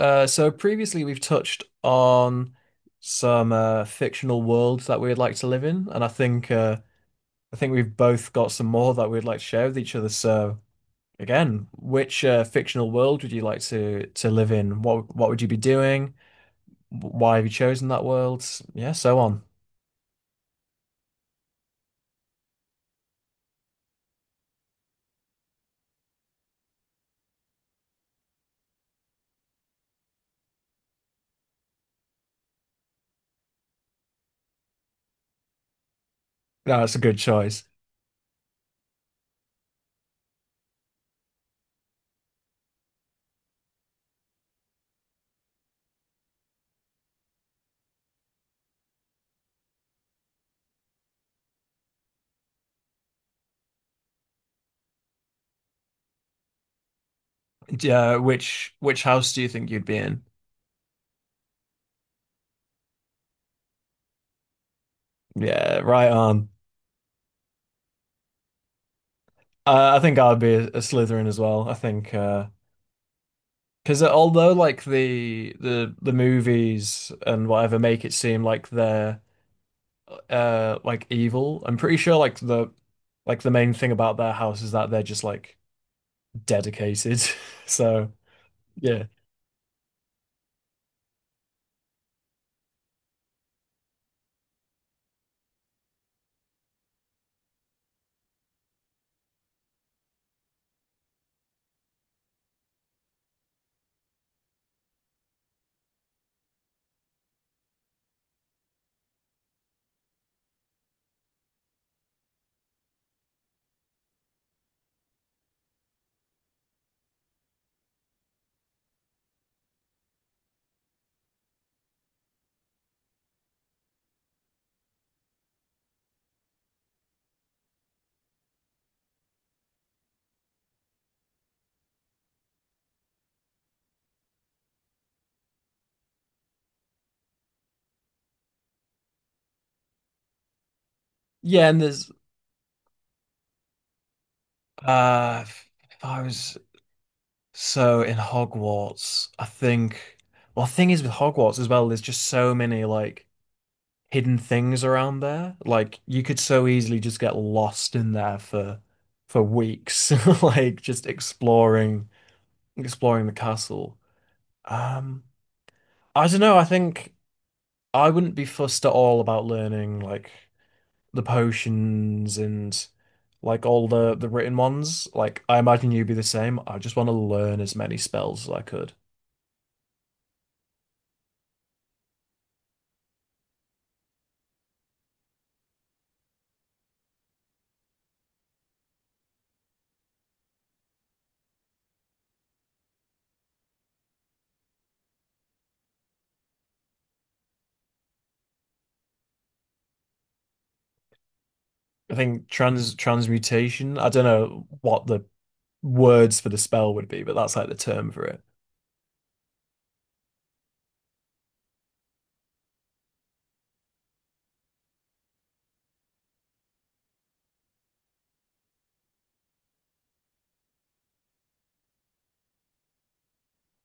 So previously we've touched on some fictional worlds that we'd like to live in, and I think we've both got some more that we'd like to share with each other. So again, which fictional world would you like to live in? What would you be doing? Why have you chosen that world? Yeah, so on. No, that's a good choice. Yeah, which house do you think you'd be in? Yeah, right on. I think I'd be a Slytherin as well. I think because although like the movies and whatever make it seem like they're like evil, I'm pretty sure like the main thing about their house is that they're just like dedicated. So yeah, yeah, and there's if I was so in Hogwarts, I think well, the thing is with Hogwarts as well, there's just so many like hidden things around there. Like you could so easily just get lost in there for weeks, like just exploring exploring the castle. Um, I don't know, I think I wouldn't be fussed at all about learning like the potions and like all the written ones. Like I imagine you'd be the same. I just want to learn as many spells as I could. I think transmutation, I don't know what the words for the spell would be, but that's like the term for it.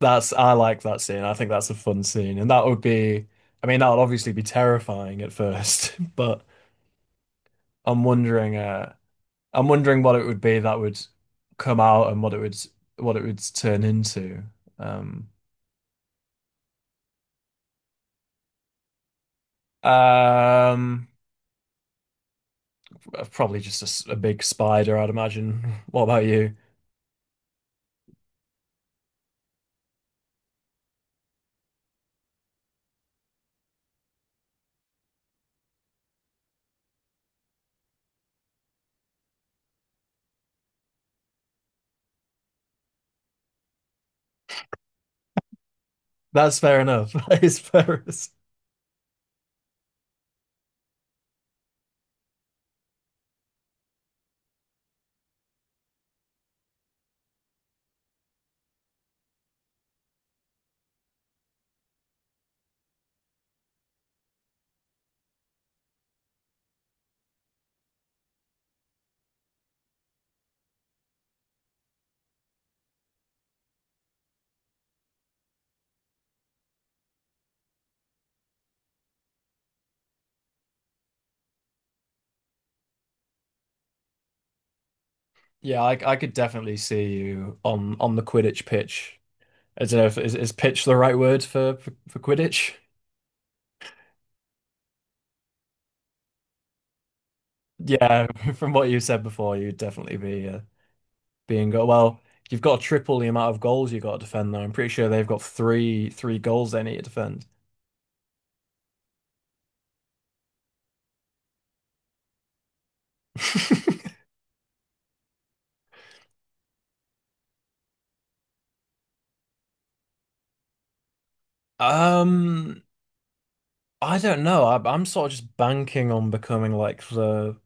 That's I like that scene. I think that's a fun scene. And that would be I mean that would obviously be terrifying at first, but I'm wondering I'm wondering what it would be that would come out and what it would turn into. Um um Probably just a big spider, I'd imagine. What about you? That's fair enough. That is fair. Yeah, I could definitely see you on the Quidditch pitch. I don't know if is pitch the right word for for Quidditch? Yeah, from what you said before, you'd definitely be being go well. You've got to triple the amount of goals you've got to defend, though. I'm pretty sure they've got three goals they need to defend. Um, I don't know. I'm sort of just banking on becoming like the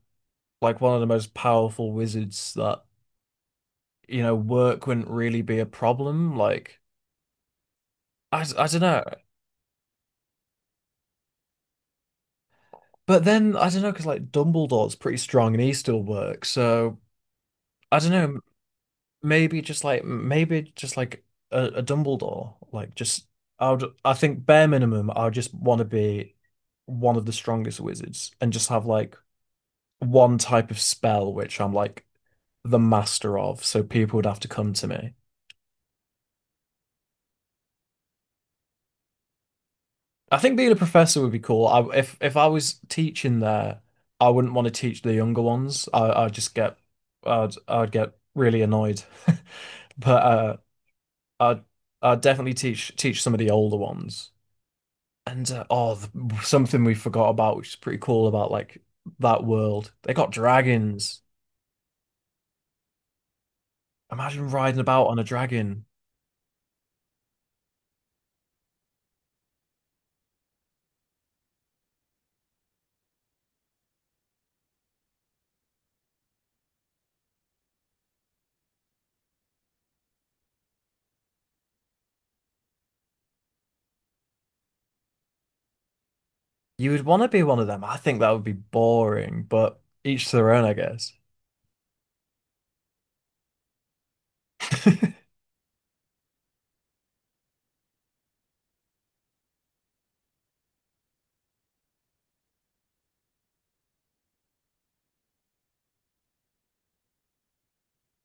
like one of the most powerful wizards that you know work wouldn't really be a problem. Like I don't know. But then I don't know because like Dumbledore's pretty strong and he still works. So I don't know. Maybe just like a Dumbledore. Like just I think bare minimum I would just want to be one of the strongest wizards and just have like one type of spell which I'm like the master of, so people would have to come to me. I think being a professor would be cool. If I was teaching there, I wouldn't want to teach the younger ones. I'd just get I'd get really annoyed. But I'd I'd definitely teach some of the older ones. And oh, something we forgot about, which is pretty cool about like that world. They got dragons. Imagine riding about on a dragon. You would want to be one of them. I think that would be boring, but each to their own, I guess.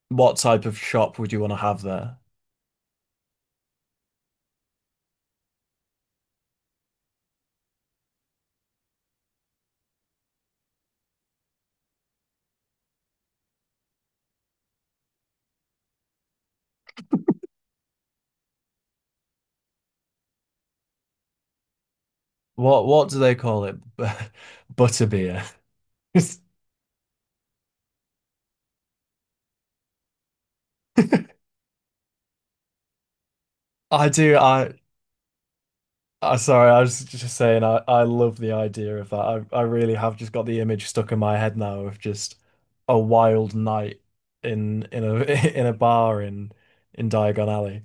What type of shop would you want to have there? What do they call it? Butterbeer. I do. I I sorry, I was just saying I love the idea of that. I really have just got the image stuck in my head now of just a wild night in a in a bar in Diagon Alley.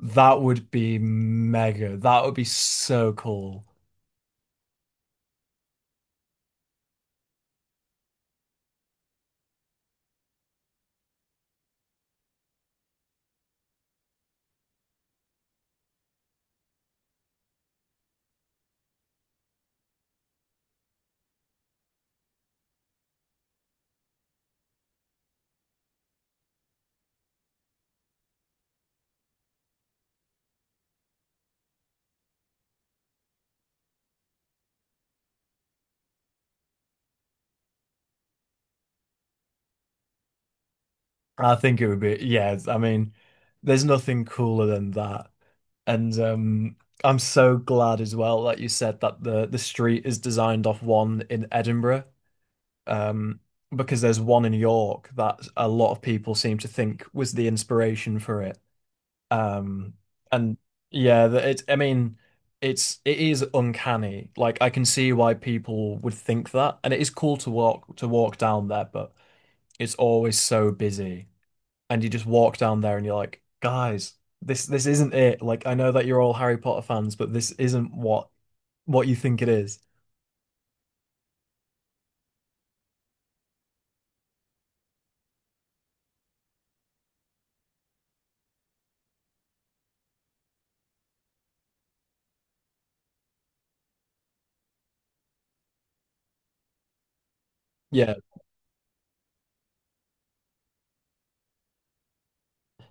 That would be mega. That would be so cool. I think it would be yeah, I mean, there's nothing cooler than that. And I'm so glad as well that you said that the street is designed off one in Edinburgh. Um, because there's one in York that a lot of people seem to think was the inspiration for it. Um, and yeah, I mean, it is uncanny. Like I can see why people would think that, and it is cool to walk down there, but it's always so busy, and you just walk down there and you're like, guys, this isn't it. Like I know that you're all Harry Potter fans, but this isn't what you think it is. Yeah.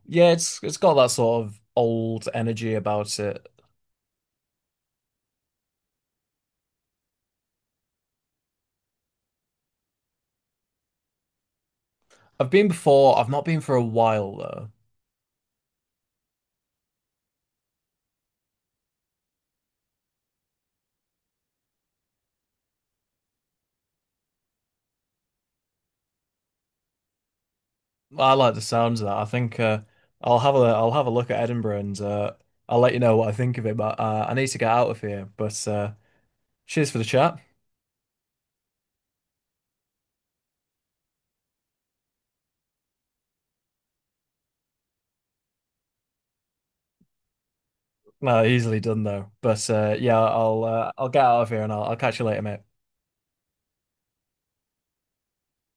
Yeah, it's got that sort of old energy about it. I've been before, I've not been for a while though. I like the sounds of that. I think I'll have a look at Edinburgh and I'll let you know what I think of it. But I need to get out of here. But cheers for the chat. Easily done though. But yeah, I'll get out of here and I'll catch you later, mate.